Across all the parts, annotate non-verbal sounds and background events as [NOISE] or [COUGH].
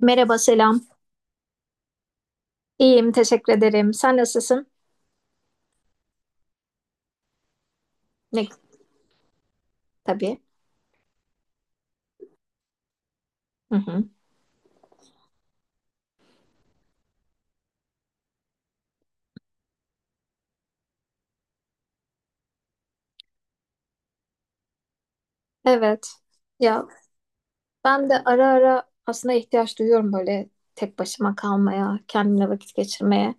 Merhaba, selam. İyiyim, teşekkür ederim. Sen nasılsın? Ne tabii. Hı hı. Evet. Ya, ben de ara ara aslında ihtiyaç duyuyorum böyle tek başıma kalmaya, kendimle vakit geçirmeye.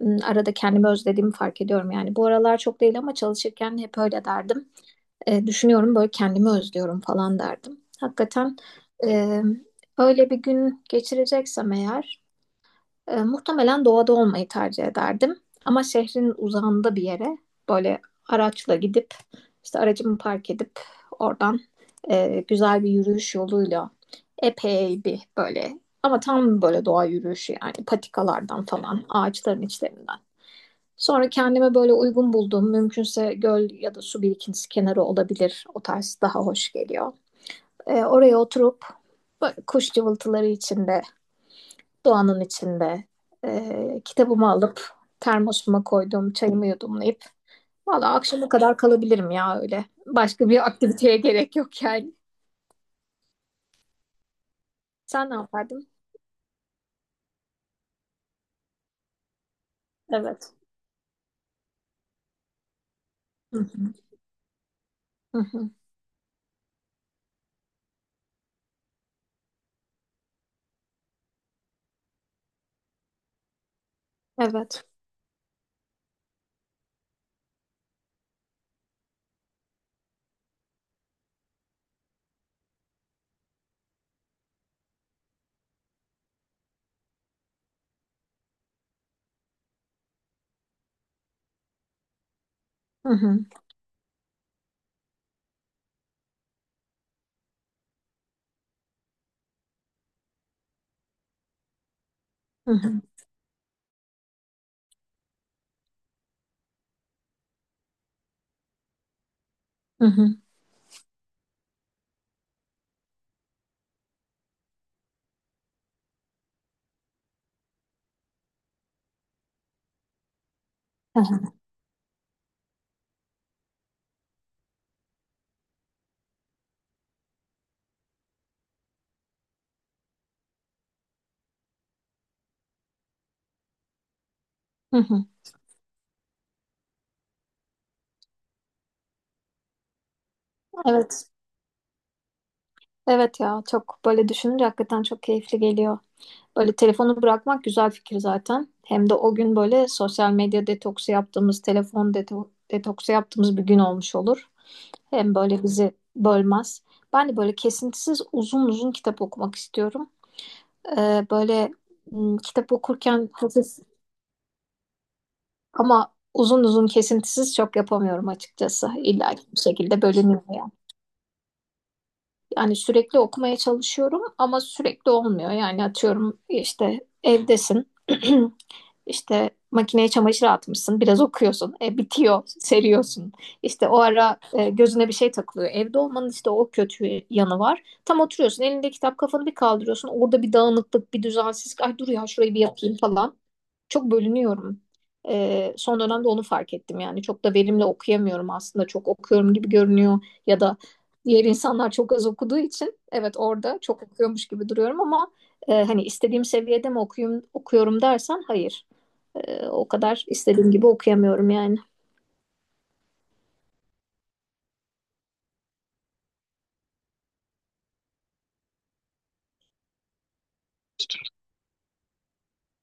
Arada kendimi özlediğimi fark ediyorum yani. Bu aralar çok değil ama çalışırken hep öyle derdim. Düşünüyorum böyle kendimi özlüyorum falan derdim. Hakikaten e, öyle bir gün geçireceksem eğer, muhtemelen doğada olmayı tercih ederdim. Ama şehrin uzağında bir yere böyle araçla gidip, işte aracımı park edip oradan güzel bir yürüyüş yoluyla epey bir böyle, ama tam böyle doğa yürüyüşü yani, patikalardan falan, ağaçların içlerinden. Sonra kendime böyle uygun bulduğum, mümkünse göl ya da su birikintisi kenarı olabilir. O tarz daha hoş geliyor. Oraya oturup böyle kuş cıvıltıları içinde, doğanın içinde kitabımı alıp termosuma koydum, çayımı yudumlayıp valla akşama kadar kalabilirim ya öyle. Başka bir aktiviteye gerek yok yani. Sen ne yapardın? Evet. Hı hı. Hı hı. Evet. Hı hı. Hı hı. Hı hı. Hı hı. Hı hı. Evet. Evet ya, çok böyle düşününce hakikaten çok keyifli geliyor. Böyle telefonu bırakmak güzel fikir zaten. Hem de o gün böyle sosyal medya detoksu yaptığımız, telefon detoksu yaptığımız bir gün olmuş olur. Hem böyle bizi bölmez. Ben de böyle kesintisiz uzun uzun kitap okumak istiyorum. Böyle kitap okurken hafif ama uzun uzun kesintisiz çok yapamıyorum açıkçası. İlla ki bir şekilde bölünüyor yani. Yani sürekli okumaya çalışıyorum ama sürekli olmuyor. Yani atıyorum işte evdesin. [CLEARS THROAT] işte makineye çamaşır atmışsın. Biraz okuyorsun. Bitiyor. Seriyorsun. İşte o ara gözüne bir şey takılıyor. Evde olmanın işte o kötü yanı var. Tam oturuyorsun. Elinde kitap kafanı bir kaldırıyorsun. Orada bir dağınıklık, bir düzensizlik. Ay dur ya, şurayı bir yapayım falan. Çok bölünüyorum. Son dönemde onu fark ettim yani. Çok da verimli okuyamıyorum aslında. Çok okuyorum gibi görünüyor ya da diğer insanlar çok az okuduğu için evet orada çok okuyormuş gibi duruyorum ama hani istediğim seviyede mi okuyum, okuyorum dersen hayır. O kadar istediğim gibi okuyamıyorum yani.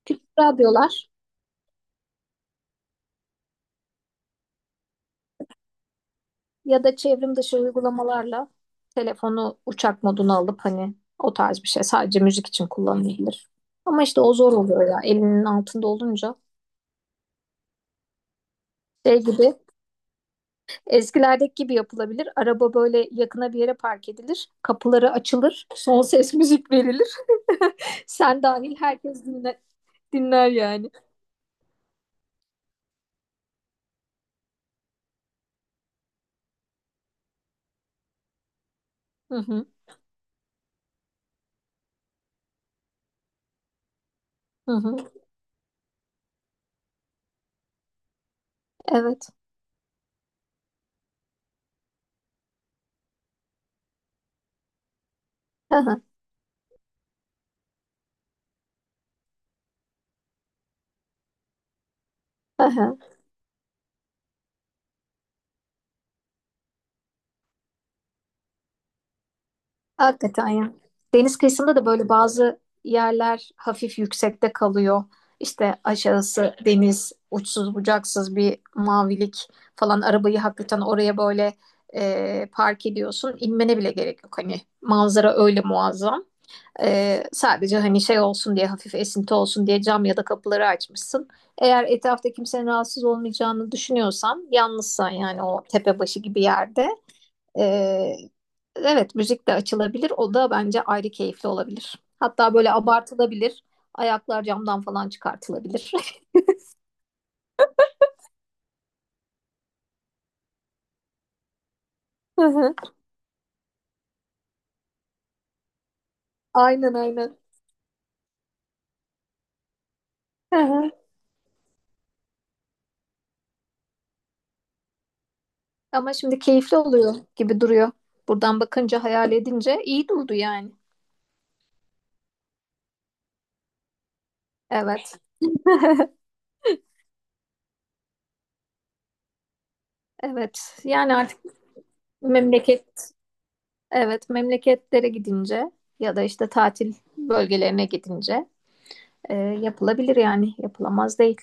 Küçük radyolar ya da çevrim dışı uygulamalarla telefonu uçak moduna alıp hani o tarz bir şey sadece müzik için kullanılabilir. Ama işte o zor oluyor ya elinin altında olunca. Şey gibi eskilerdeki gibi yapılabilir. Araba böyle yakına bir yere park edilir. Kapıları açılır. Son ses müzik verilir. [LAUGHS] Sen dahil herkes dinler, dinler yani. Hı hı, hı hı. Evet. Hı hı, hı hı. Hakikaten ya. Deniz kıyısında da böyle bazı yerler hafif yüksekte kalıyor. İşte aşağısı deniz, uçsuz bucaksız bir mavilik falan. Arabayı hakikaten oraya böyle park ediyorsun. İnmene bile gerek yok. Hani manzara öyle muazzam. Sadece hani şey olsun diye, hafif esinti olsun diye cam ya da kapıları açmışsın. Eğer etrafta kimsenin rahatsız olmayacağını düşünüyorsan, yalnızsan yani, o tepe başı gibi yerde ee, evet müzik de açılabilir. O da bence ayrı keyifli olabilir. Hatta böyle abartılabilir. Ayaklar camdan falan çıkartılabilir. [LAUGHS] Hı hı. Aynen aynen. Hı hı. Ama şimdi keyifli oluyor gibi duruyor. Buradan bakınca hayal edince iyi durdu yani. Evet. [LAUGHS] Evet. Yani artık memleket... Evet, memleketlere gidince ya da işte tatil bölgelerine gidince yapılabilir yani, yapılamaz değil.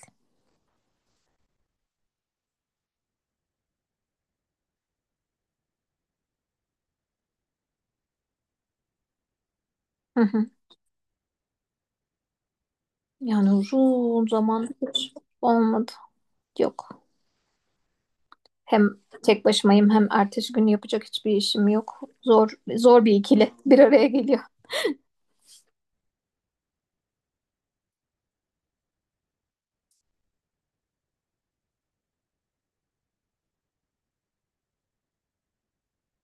Hı hı. Yani uzun zaman hiç olmadı. Yok. Hem tek başımayım hem ertesi gün yapacak hiçbir işim yok. Zor bir ikili bir araya geliyor.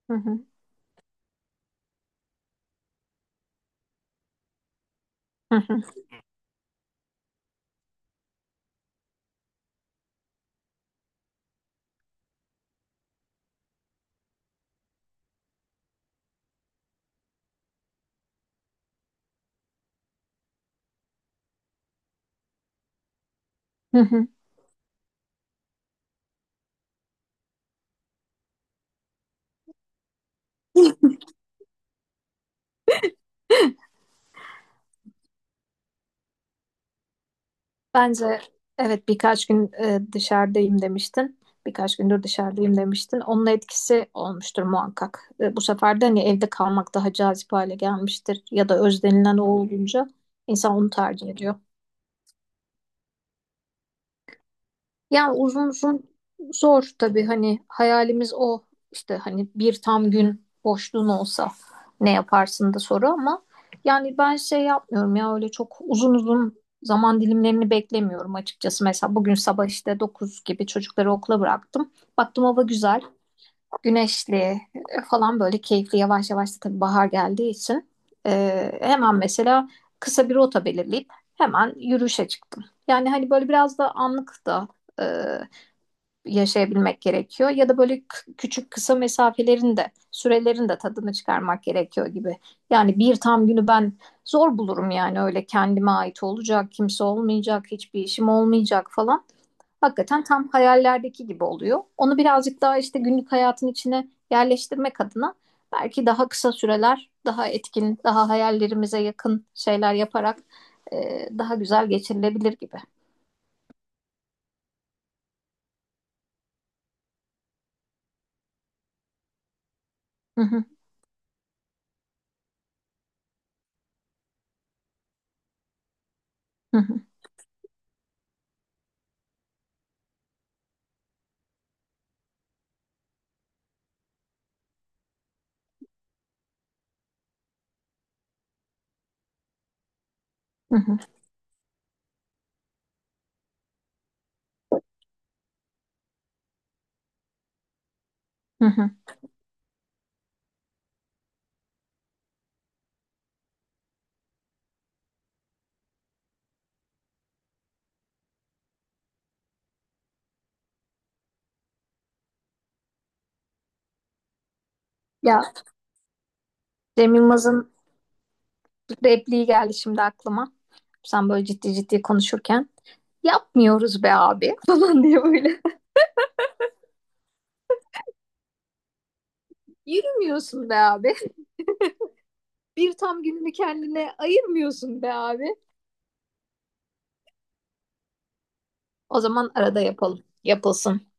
Hı hı. Hı hı. Hı hı. Bence evet, birkaç gün dışarıdayım demiştin. Birkaç gündür dışarıdayım demiştin. Onun etkisi olmuştur muhakkak. Bu sefer de hani evde kalmak daha cazip hale gelmiştir. Ya da özlenilen o olunca insan onu tercih ediyor. Yani uzun uzun zor tabii, hani hayalimiz o işte, hani bir tam gün boşluğun olsa ne yaparsın da soru, ama yani ben şey yapmıyorum ya, öyle çok uzun uzun zaman dilimlerini beklemiyorum açıkçası. Mesela bugün sabah işte 9 gibi çocukları okula bıraktım. Baktım hava güzel, güneşli falan, böyle keyifli, yavaş yavaş da tabii bahar geldiği için hemen mesela kısa bir rota belirleyip hemen yürüyüşe çıktım. Yani hani böyle biraz da anlık da yaşayabilmek gerekiyor ya da böyle küçük kısa mesafelerin de sürelerin de tadını çıkarmak gerekiyor gibi. Yani bir tam günü ben zor bulurum yani, öyle kendime ait olacak, kimse olmayacak, hiçbir işim olmayacak falan. Hakikaten tam hayallerdeki gibi oluyor. Onu birazcık daha işte günlük hayatın içine yerleştirmek adına belki daha kısa süreler, daha etkin, daha hayallerimize yakın şeyler yaparak daha güzel geçirilebilir gibi. Hı hı, hı hı, hı hı, hı hı. Ya, Cem Yılmaz'ın repliği geldi şimdi aklıma. Sen böyle ciddi ciddi konuşurken yapmıyoruz be abi [LAUGHS] falan diye böyle. [LAUGHS] Yürümüyorsun be abi. Bir tam gününü kendine ayırmıyorsun be abi. O zaman arada yapalım. Yapılsın.